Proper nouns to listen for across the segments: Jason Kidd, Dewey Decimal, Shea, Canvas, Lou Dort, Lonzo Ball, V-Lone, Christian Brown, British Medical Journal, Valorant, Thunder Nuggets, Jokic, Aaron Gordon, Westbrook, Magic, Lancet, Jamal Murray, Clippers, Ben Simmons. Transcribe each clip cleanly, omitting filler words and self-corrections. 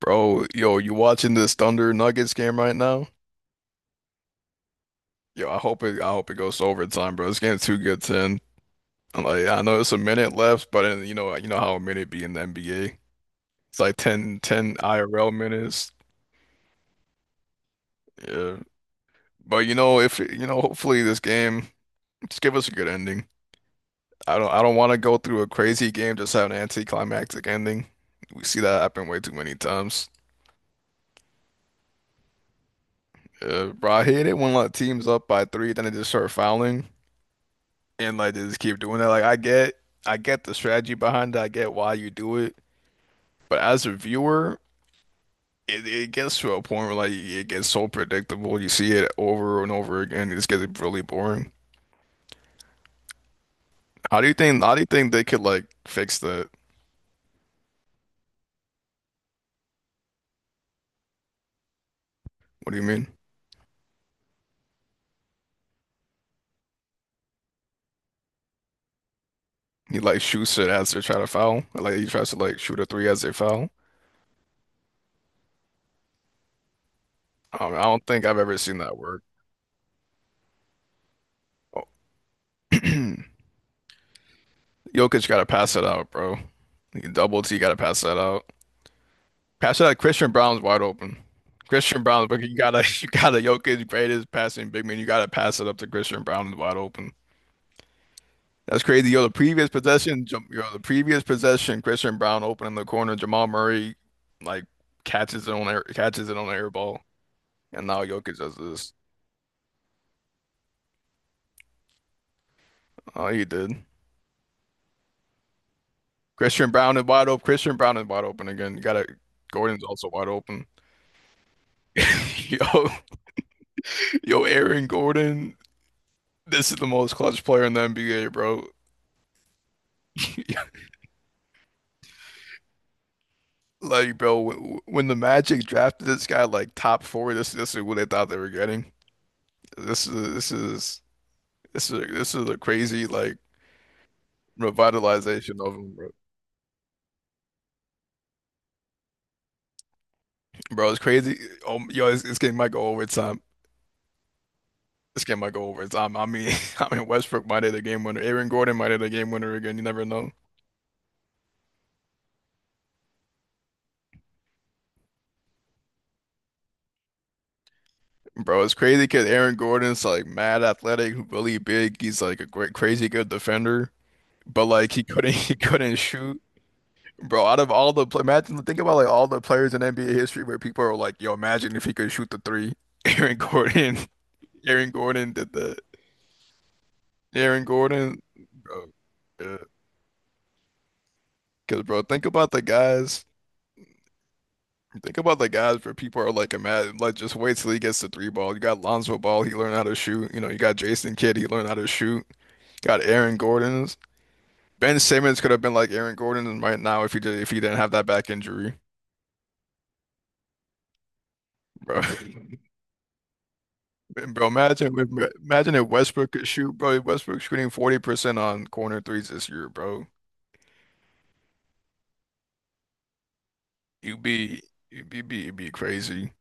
Bro, yo, you watching this Thunder Nuggets game right now? Yo, I hope it goes to overtime, bro. This game's too good to end. I'm like, I know it's a minute left, but you know how a minute be in the NBA. It's like ten IRL minutes. Yeah. But you know, if you know, hopefully this game just give us a good ending. I don't want to go through a crazy game just have an anticlimactic ending. We see that happen way too many times. Yeah, bro, I hate it when like teams up by three, then they just start fouling, and like they just keep doing that. Like I get the strategy behind it. I get why you do it. But as a viewer, it gets to a point where like it gets so predictable. You see it over and over again. It just gets really boring. How do you think? How do you think they could like fix that? What do you mean? He like shoots it as they're trying to foul. Like he tries to like shoot a three as they foul. I don't think I've ever seen that work. Jokic gotta pass it out, bro. He Double T gotta pass that out. Pass it out. Christian Brown's wide open. Christian Brown's, but you gotta, you gotta, Jokic, greatest passing big man. You gotta pass it up to Christian Brown is wide open. That's crazy. Yo, the previous possession, Christian Brown open in the corner. Jamal Murray, like, catches it on the air ball. And now Jokic does this. Oh, he did. Christian Brown is wide open. Christian Brown is wide open again. You gotta, Gordon's also wide open. Yo, yo, Aaron Gordon. This is the most clutch player in the NBA, bro. Like, bro, when the Magic drafted this guy like top four, this is what they thought they were getting. This is this is this is a crazy like revitalization of him, bro. Bro, it's crazy. Oh, yo, this game might go overtime. This game might go overtime. I mean, I mean Westbrook might hit a game winner. Aaron Gordon might hit a game winner again. You never know, bro. It's crazy because Aaron Gordon's like mad athletic, really big. He's like a great, crazy good defender, but like he couldn't he couldn't shoot. Bro, out of all the pla imagine think about like all the players in NBA history where people are like, "Yo, imagine if he could shoot the three. Aaron Gordon, Aaron Gordon did that. Aaron Gordon, bro, yeah. Because bro, think about the guys. Think about the guys where people are like, imagine like just wait till he gets the three ball. You got Lonzo Ball, he learned how to shoot. You know, you got Jason Kidd, he learned how to shoot. Got Aaron Gordon's. Ben Simmons could have been like Aaron Gordon right now if he didn't have that back injury, bro. And bro, imagine if Westbrook could shoot, bro. Westbrook shooting 40% on corner threes this year, bro. You'd be you'd be crazy.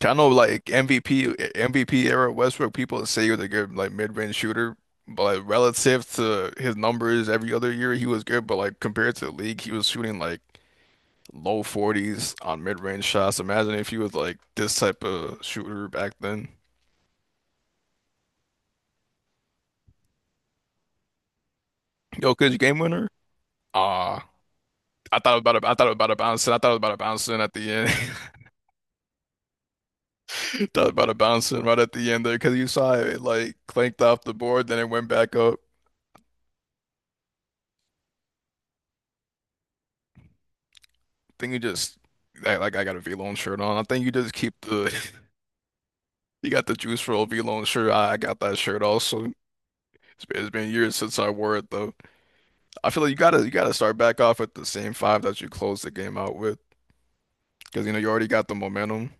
Kind of like MVP era Westbrook, people say he was a good like mid-range shooter, but like, relative to his numbers every other year, he was good, but like compared to the league, he was shooting like low 40s on mid-range shots. Imagine if he was like this type of shooter back then. Yo, 'cause you game winner? Ah. I thought about it. I thought about it bouncing. I thought about it bouncing at the end. Thought about it bouncing right at the end there because you saw it, like clanked off the board, then it went back up. I think you just I, like I got a V-Lone shirt on. I think you just keep the you got the juice roll V-Lone shirt. I got that shirt also. It's been years since I wore it though. I feel like you gotta start back off at the same five that you closed the game out with because you know you already got the momentum.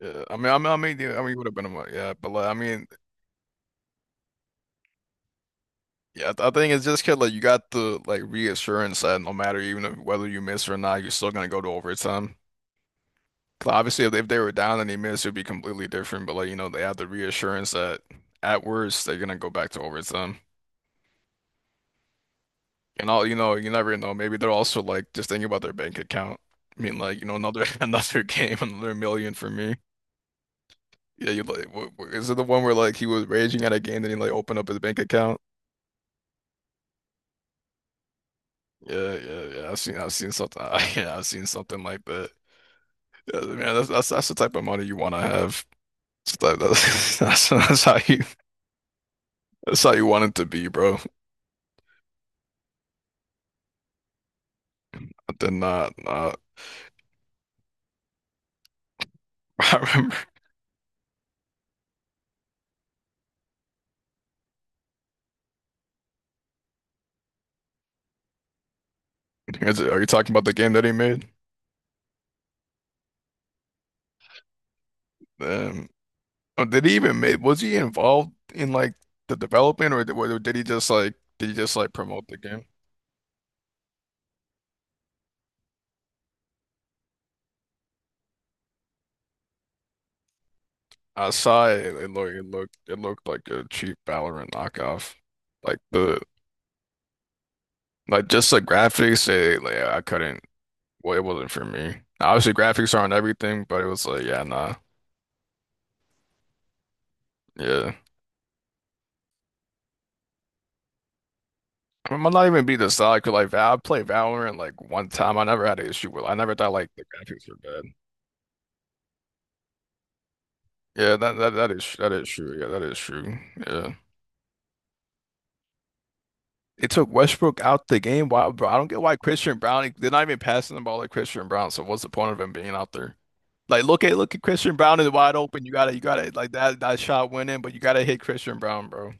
Yeah, I mean, yeah, I mean, it would have been yeah, but like, I mean, yeah, I think it's just 'cause like you got the like reassurance that no matter even if, whether you miss or not, you're still gonna go to overtime. 'Cause obviously, if they were down and they missed, it'd be completely different. But like you know, they have the reassurance that at worst they're gonna go back to overtime. And all you know, you never know. Maybe they're also like just thinking about their bank account. I mean, like you know, another another game, another million for me. Yeah, you like is it the one where like he was raging at a game, then he like opened up his bank account? Yeah, yeah, yeah. I've seen something. Yeah, I've seen something like that. Yeah, man, that's the type of money you want to have. That's, that's how you want it to be, bro. I did not not I remember. Are you talking about the game that he made? Um, oh, did he even make? Was he involved in like the development, or did he just like promote the game? I saw it. It looked like a cheap Valorant knockoff. Like the like just the graphics. It, like I couldn't. Well, it wasn't for me. Obviously, graphics aren't everything, but it was like yeah, nah. Yeah. I mean, I'm not even being the side because like I played Valorant like one time. I never had an issue with I never thought like the graphics were bad. Yeah, that is true. Yeah, that is true. Yeah. It took Westbrook out the game. Why, bro? I don't get why Christian Brown, they're not even passing the ball like Christian Brown. So what's the point of him being out there? Like look at Christian Brown is wide open. You gotta like that shot went in, but you gotta hit Christian Brown, bro.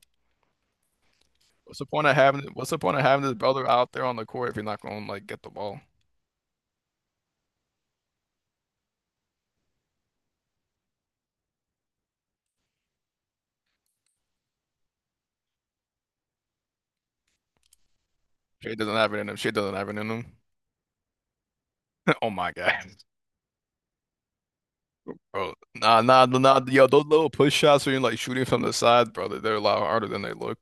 What's the point of having what's the point of having this brother out there on the court if you're not gonna like get the ball? Shea doesn't have it in him. Shea doesn't have it in him. Oh my God. Bro, nah, nah, nah, nah, yo, those little push shots where you're like shooting from the side, brother, they're a lot harder than they look,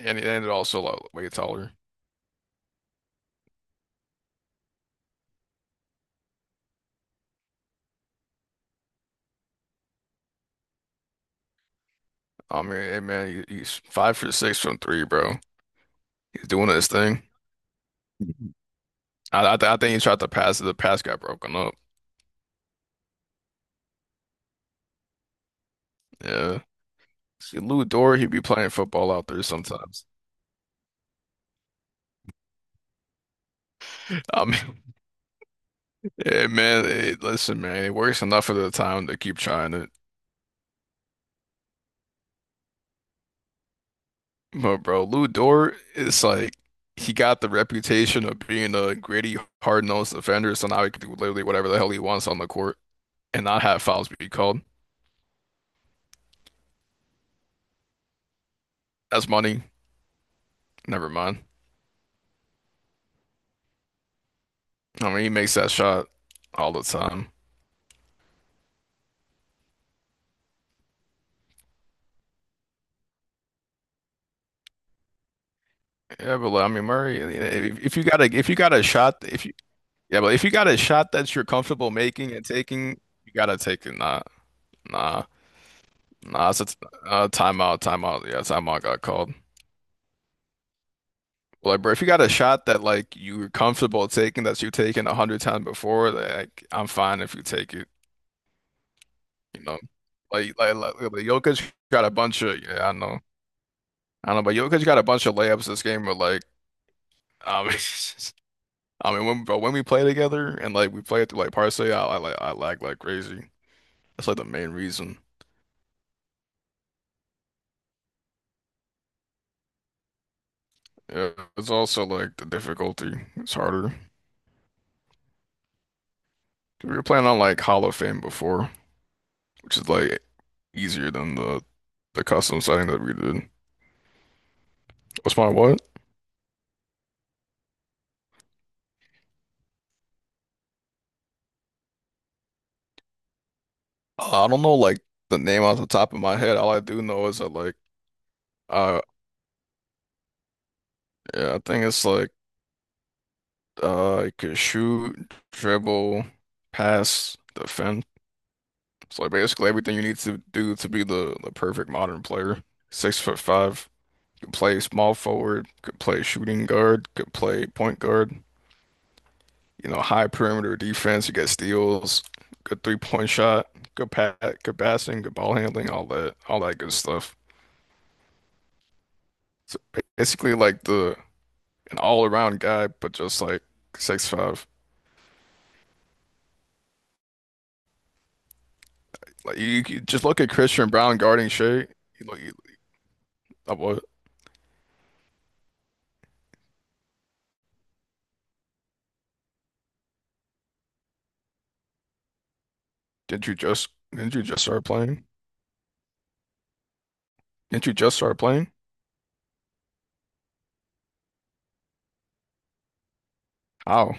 and they're also a lot way taller. I mean, hey, man, he's five for six from three, bro. He's doing his thing. I think he tried to pass it. The pass got broken up. Yeah. See, Lou Dort, he'd be playing football out there sometimes. I mean, yeah, man, hey, listen, man, it works enough of the time to keep trying. But bro, Lou Dort is like he got the reputation of being a gritty, hard-nosed defender, so now he can do literally whatever the hell he wants on the court and not have fouls be called. That's money. Never mind. I mean, he makes that shot all the time. Yeah, but like, I mean, Murray, if you got a if you got a shot, if you yeah, but if you got a shot that you're comfortable making and taking, you gotta take it. Nah, nah, nah. It's a timeout, timeout. Yeah, timeout got called. Like, bro, if you got a shot that like you're comfortable taking that you've taken a hundred times before, like I'm fine if you take it, you know. Jokic got a bunch of yeah, I know. I don't know, but Jokic got a bunch of layups this game but like I mean I mean when but when we play together and like we play through like Parsley, I like I lag like crazy. That's like the main reason. Yeah, it's also like the difficulty. It's harder. We were playing on like Hall of Fame before, which is like easier than the custom setting that we did. What's my what? I don't know like the name off the top of my head. All I do know is that like uh yeah, I think it's like you could shoot, dribble, pass, defend. So like basically everything you need to do to be the perfect modern player. 6'5", could play small forward, could play shooting guard, could play point guard, you know, high perimeter defense, you get steals, good 3-point shot, good pat, good passing, good ball handling, all that good stuff. So basically like the an all-around guy, but just like 6'5". Like you just look at Christian Brown guarding Shea. You look, what? Didn't you just didn't you just start playing? Didn't you just start playing? Ow,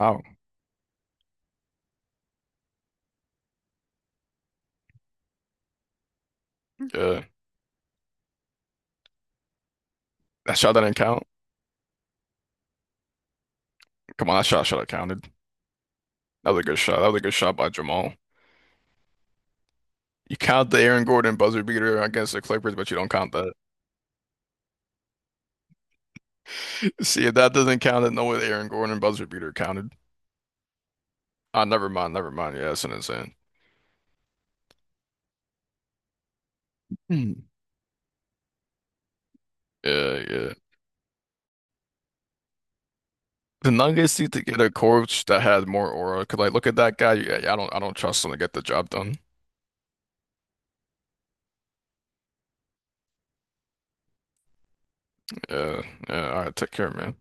ow, yeah, that shot that didn't count. Come on, that shot should have counted. That was a good shot. That was a good shot by Jamal. You count the Aaron Gordon buzzer beater against the Clippers, but you don't count that. See, if that doesn't count, then no way the Aaron Gordon buzzer beater counted. Ah, never mind, never mind. Yeah, that's an insane. Hmm. Yeah, yeah. The Nuggets need to get a coach that had more aura. 'Cause like, look at that guy. Yeah, yeah, I don't trust him to get the job done. Yeah, yeah. All right, take care, man.